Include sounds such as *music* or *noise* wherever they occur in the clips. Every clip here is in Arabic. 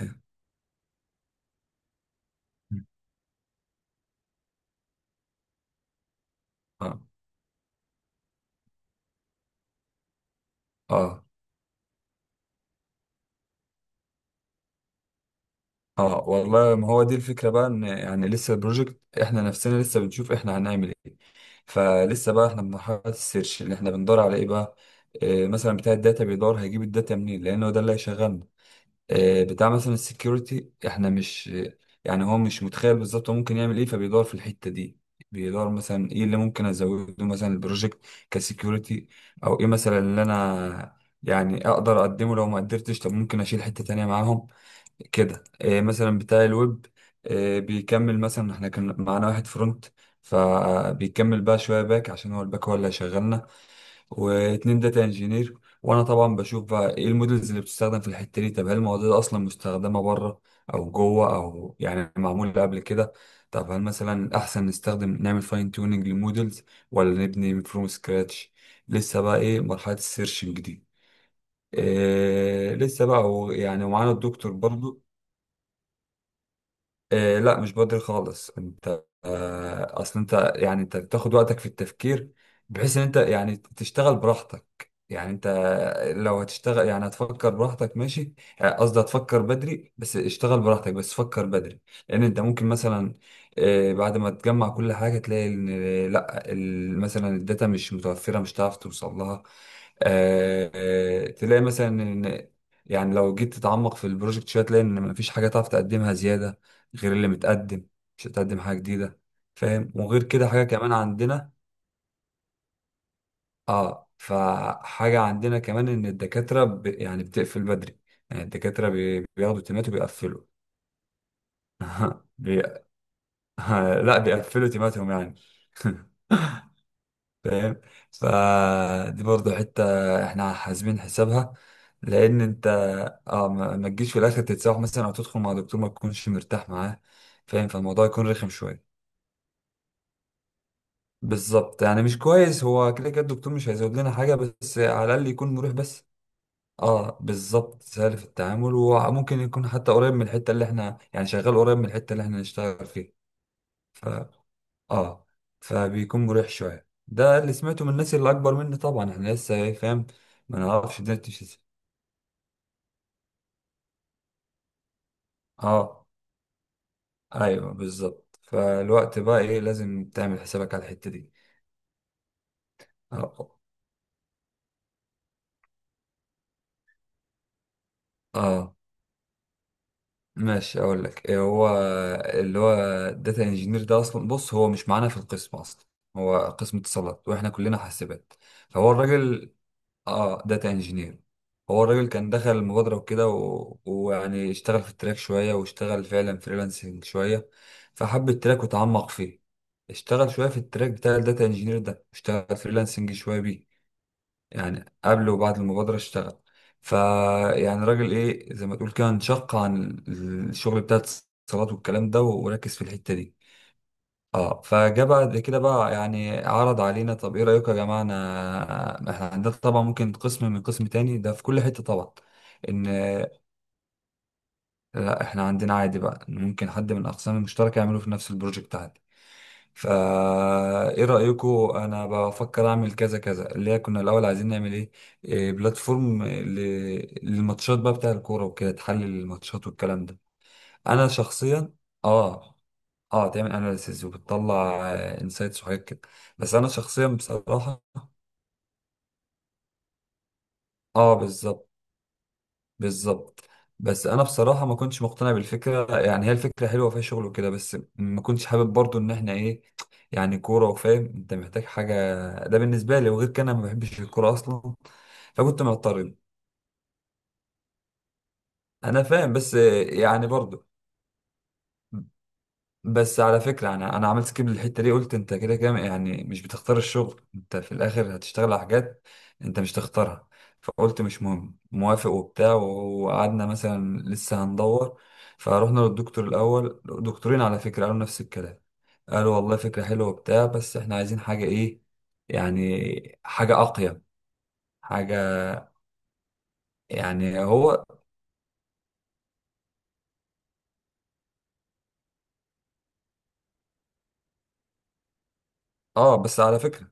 اه اه اه، والله ما هو دي الفكرة بقى ان يعني لسه البروجكت احنا نفسنا لسه بنشوف احنا هنعمل ايه. فلسه بقى احنا في مرحلة السيرش اللي احنا بندور على ايه بقى. مثلا بتاع الداتا بيدور هيجيب الداتا منين لانه ده اللي هيشغلنا. بتاع مثلا السكيورتي احنا مش، يعني هو مش متخيل بالظبط هو ممكن يعمل ايه فبيدور في الحتة دي. بيدور مثلا ايه اللي ممكن ازوده مثلا البروجكت كسكيورتي، او ايه مثلا اللي انا يعني اقدر اقدمه. لو ما قدرتش طب ممكن اشيل حتة تانية معاهم كده، إيه مثلا بتاع الويب. إيه بيكمل، مثلا احنا كان معانا واحد فرونت فبيكمل بقى شويه باك، عشان هو الباك هو اللي هيشغلنا. واتنين داتا انجينير. وانا طبعا بشوف بقى ايه المودلز اللي بتستخدم في الحته دي، طب هل المواضيع دي اصلا مستخدمه بره او جوه، او يعني معموله قبل كده. طب هل مثلا احسن نستخدم نعمل فاين تيوننج للمودلز ولا نبني فروم سكراتش. لسه بقى ايه مرحله السيرشنج دي. إيه لسه بقى يعني ومعانا الدكتور برضو. آه لا مش بدري خالص. انت آه اصل انت يعني انت بتاخد وقتك في التفكير، بحيث ان انت يعني تشتغل براحتك. يعني انت لو هتشتغل يعني هتفكر براحتك ماشي. قصدي هتفكر بدري بس اشتغل براحتك، بس فكر بدري. لان انت ممكن مثلا بعد ما تجمع كل حاجة تلاقي ان لا مثلا الداتا مش متوفرة مش هتعرف توصل لها. تلاقي مثلا ان يعني لو جيت تتعمق في البروجكت شويه تلاقي ان مفيش حاجه تعرف تقدمها زياده غير اللي متقدم. مش هتقدم حاجة جديدة، فاهم. وغير كده حاجة كمان عندنا. اه فحاجة عندنا كمان ان يعني بتقفل بدري. يعني الدكاترة بياخدوا تيمات وبيقفلوا. *laughs* بي... *laughs* لا بيقفلوا تيماتهم يعني. *laughs* فاهم. فدي برضو حتة احنا حاسبين حسابها. لان انت اه ما تجيش في الاخر تتسوح مثلا، او تدخل مع دكتور ما تكونش مرتاح معاه، فاهم. فالموضوع يكون رخم شوية. بالظبط، يعني مش كويس. هو كده كده الدكتور مش هيزود لنا حاجة، بس على الأقل يكون مريح بس. اه بالظبط، سهل في التعامل. وممكن يكون حتى قريب من الحتة اللي احنا يعني شغال، قريب من الحتة اللي احنا نشتغل فيها. ف اه فبيكون مريح شوية. ده اللي سمعته من الناس اللي أكبر مني. طبعا احنا لسه إيه، فاهم. ما نعرفش الدنيا بتمشي ازاي. اه ايوه بالظبط. فالوقت بقى ايه لازم تعمل حسابك على الحتة دي. اه اه ماشي اقول لك إيه. هو اللي هو داتا انجينير ده اصلا، بص هو مش معانا في القسم اصلا. هو قسم اتصالات، واحنا كلنا حاسبات. فهو الراجل، اه داتا انجينير. هو الراجل كان دخل المبادرة وكده، ويعني اشتغل في التراك شوية، واشتغل فعلا فريلانسنج شوية، فحب التراك وتعمق فيه. اشتغل شوية في التراك بتاع الداتا انجينير ده، اشتغل فريلانسنج شوية بيه، يعني قبل وبعد المبادرة اشتغل. فيعني راجل ايه زي ما تقول كده انشق عن الشغل بتاع الاتصالات والكلام ده، وركز في الحتة دي. اه فجاء بعد كده بقى يعني عرض علينا، طب ايه رأيكم يا جماعة. انا احنا عندنا طبعا ممكن قسم من قسم تاني ده في كل حتة طبعا ان لا، احنا عندنا عادي بقى إن ممكن حد من الاقسام المشتركه يعمله في نفس البروجكت عادي. فا ايه رايكم، انا بفكر اعمل كذا كذا، اللي هي كنا الاول عايزين نعمل ايه، إيه بلاتفورم للماتشات بقى بتاع الكوره وكده، تحلل الماتشات والكلام ده. انا شخصيا، اه اه، تعمل اناليسيز وبتطلع انسايتس وحاجات كده. بس انا شخصيا بصراحه، اه بالظبط بالظبط. بس انا بصراحه ما كنتش مقتنع بالفكره. يعني هي الفكره حلوه فيها شغل وكده، بس ما كنتش حابب برضو ان احنا ايه، يعني كوره. وفاهم انت محتاج حاجه، ده بالنسبه لي. وغير كده انا ما بحبش الكوره اصلا. فكنت معترض. انا فاهم، بس يعني برضو، بس على فكرة أنا عملت سكيب للحتة دي. قلت أنت كده كده يعني مش بتختار الشغل، أنت في الآخر هتشتغل على حاجات أنت مش تختارها. فقلت مش مهم، موافق وبتاع. وقعدنا مثلا لسه هندور. فروحنا للدكتور الأول، دكتورين على فكرة، قالوا نفس الكلام. قالوا والله فكرة حلوة وبتاع، بس إحنا عايزين حاجة إيه، يعني حاجة أقيم. حاجة يعني هو آه بس على فكرة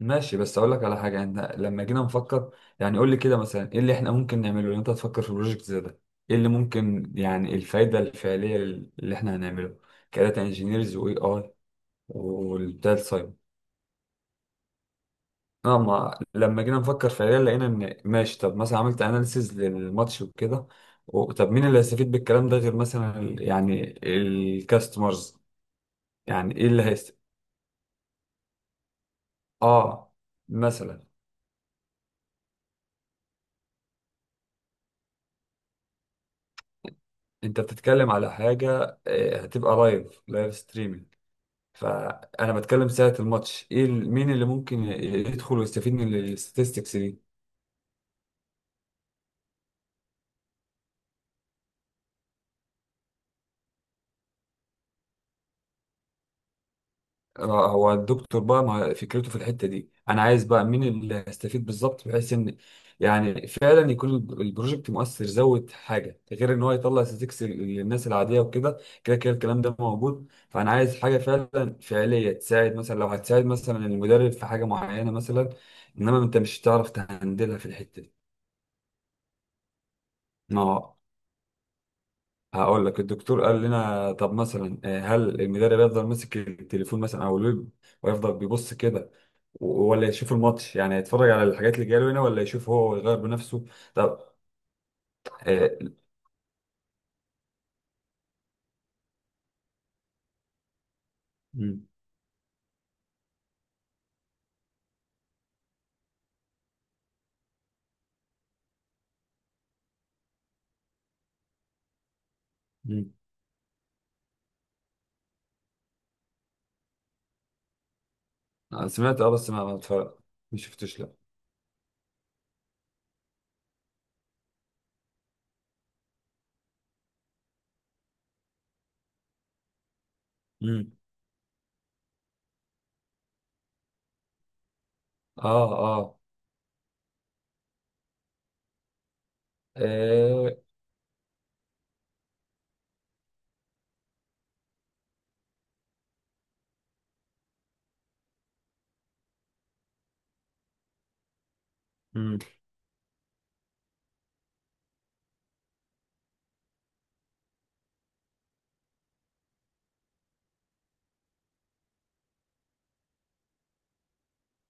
ماشي. بس اقول لك على حاجه، انت لما جينا نفكر يعني قول لي كده مثلا ايه اللي احنا ممكن نعمله ان انت تفكر في بروجكت زي ده. ايه اللي ممكن يعني الفايده الفعليه اللي احنا هنعمله كداتا انجينيرز واي اي والداتا ساين. اه ما لما جينا نفكر فعليا لقينا ان ماشي. طب مثلا عملت اناليسيز للماتش وكده طب مين اللي هيستفيد بالكلام ده غير مثلا يعني الكاستمرز. يعني ايه اللي هيست، اه مثلا انت بتتكلم على حاجه، هتبقى لايف ستريمنج. فانا بتكلم ساعه الماتش ايه مين اللي ممكن يدخل ويستفيد من الستاتستكس دي. هو الدكتور بقى ما فكرته في الحته دي، انا عايز بقى مين اللي هيستفيد بالظبط، بحيث ان يعني فعلا يكون البروجكت مؤثر زود حاجه، غير ان هو يطلع ستاتستكس للناس العاديه وكده، كده كده الكلام ده موجود. فانا عايز حاجه فعلا فعليه تساعد، مثلا لو هتساعد مثلا المدرب في حاجه معينه مثلا، انما انت مش هتعرف تهندلها في الحته دي. هقول لك الدكتور قال لنا طب مثلا هل المدرب يفضل ماسك التليفون مثلا او الويب ويفضل بيبص كده، ولا يشوف الماتش، يعني يتفرج على الحاجات اللي جايه له هنا، ولا يشوف هو ويغير بنفسه. طب آه، مم. مم. أنا سمعت اه بس ما شفتش لا. امم اه اه، آه.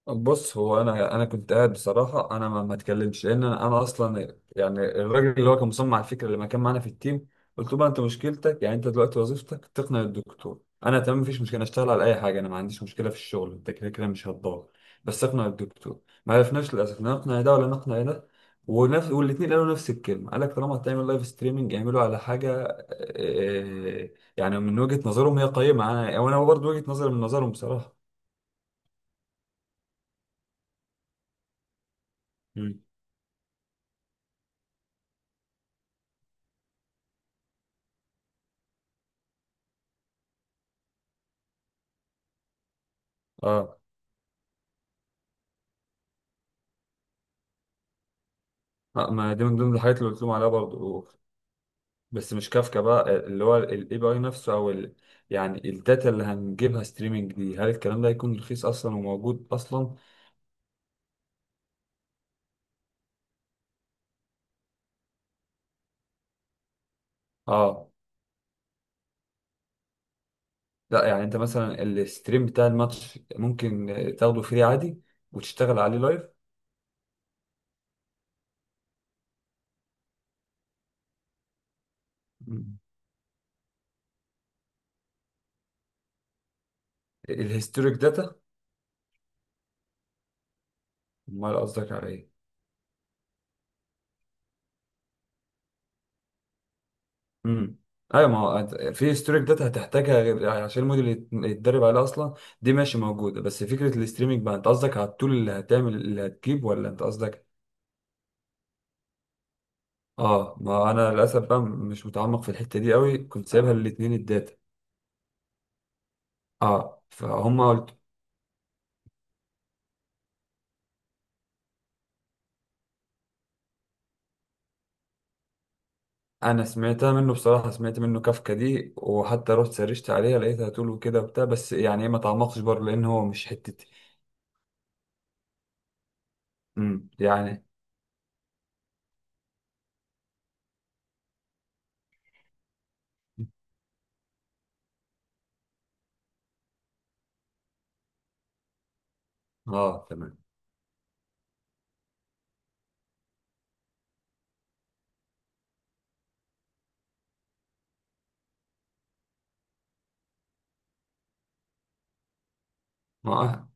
بص هو انا كنت قاعد بصراحه. انا ما اتكلمش لان أنا اصلا يعني الراجل اللي هو كان مصمم على الفكره اللي ما كان معانا في التيم، قلت له بقى انت مشكلتك يعني انت دلوقتي وظيفتك تقنع الدكتور. انا تمام مفيش مشكله، أنا اشتغل على اي حاجه، انا ما عنديش مشكله في الشغل. انت كده كده مش هتضاغط، بس اقنع الدكتور. ما عرفناش للاسف لا نقنع ده ولا نقنع ده. ونفس والاثنين قالوا نفس الكلمه، قال لك طالما هتعمل لايف ستريمنج اعمله على حاجه آه، يعني من وجهه نظرهم هي قيمه، انا وانا برضه وجهه نظري من نظرهم بصراحه. مم. اه اه ما دي من ضمن الحاجات اللي قلت لهم عليها برضو. بس مش كافكا بقى، اللي هو الاي بي اي نفسه او ال، يعني الداتا اللي هنجيبها ستريمنج دي هل الكلام ده هيكون رخيص اصلا وموجود اصلا. اه لا يعني انت مثلا الستريم بتاع الماتش ممكن تاخده فري عادي وتشتغل عليه لايف. مم. الهيستوريك داتا. امال قصدك على ايه. امم ايوه ما هو في ستوريك داتا هتحتاجها غير عشان الموديل يتدرب عليه اصلا. دي ماشي موجوده، بس فكره الاستريمنج بقى انت قصدك على التول اللي هتعمل اللي هتجيب، ولا انت قصدك. اه ما انا للاسف بقى مش متعمق في الحته دي قوي، كنت سايبها للاتنين الداتا. اه فهم قلت. انا سمعتها منه بصراحه، سمعت منه كافكا دي، وحتى رحت سرشت عليها لقيتها تول وكده وبتاع، بس يعني إيه، ما تعمقتش برضه لان هو مش حتتي. يعني اه تمام.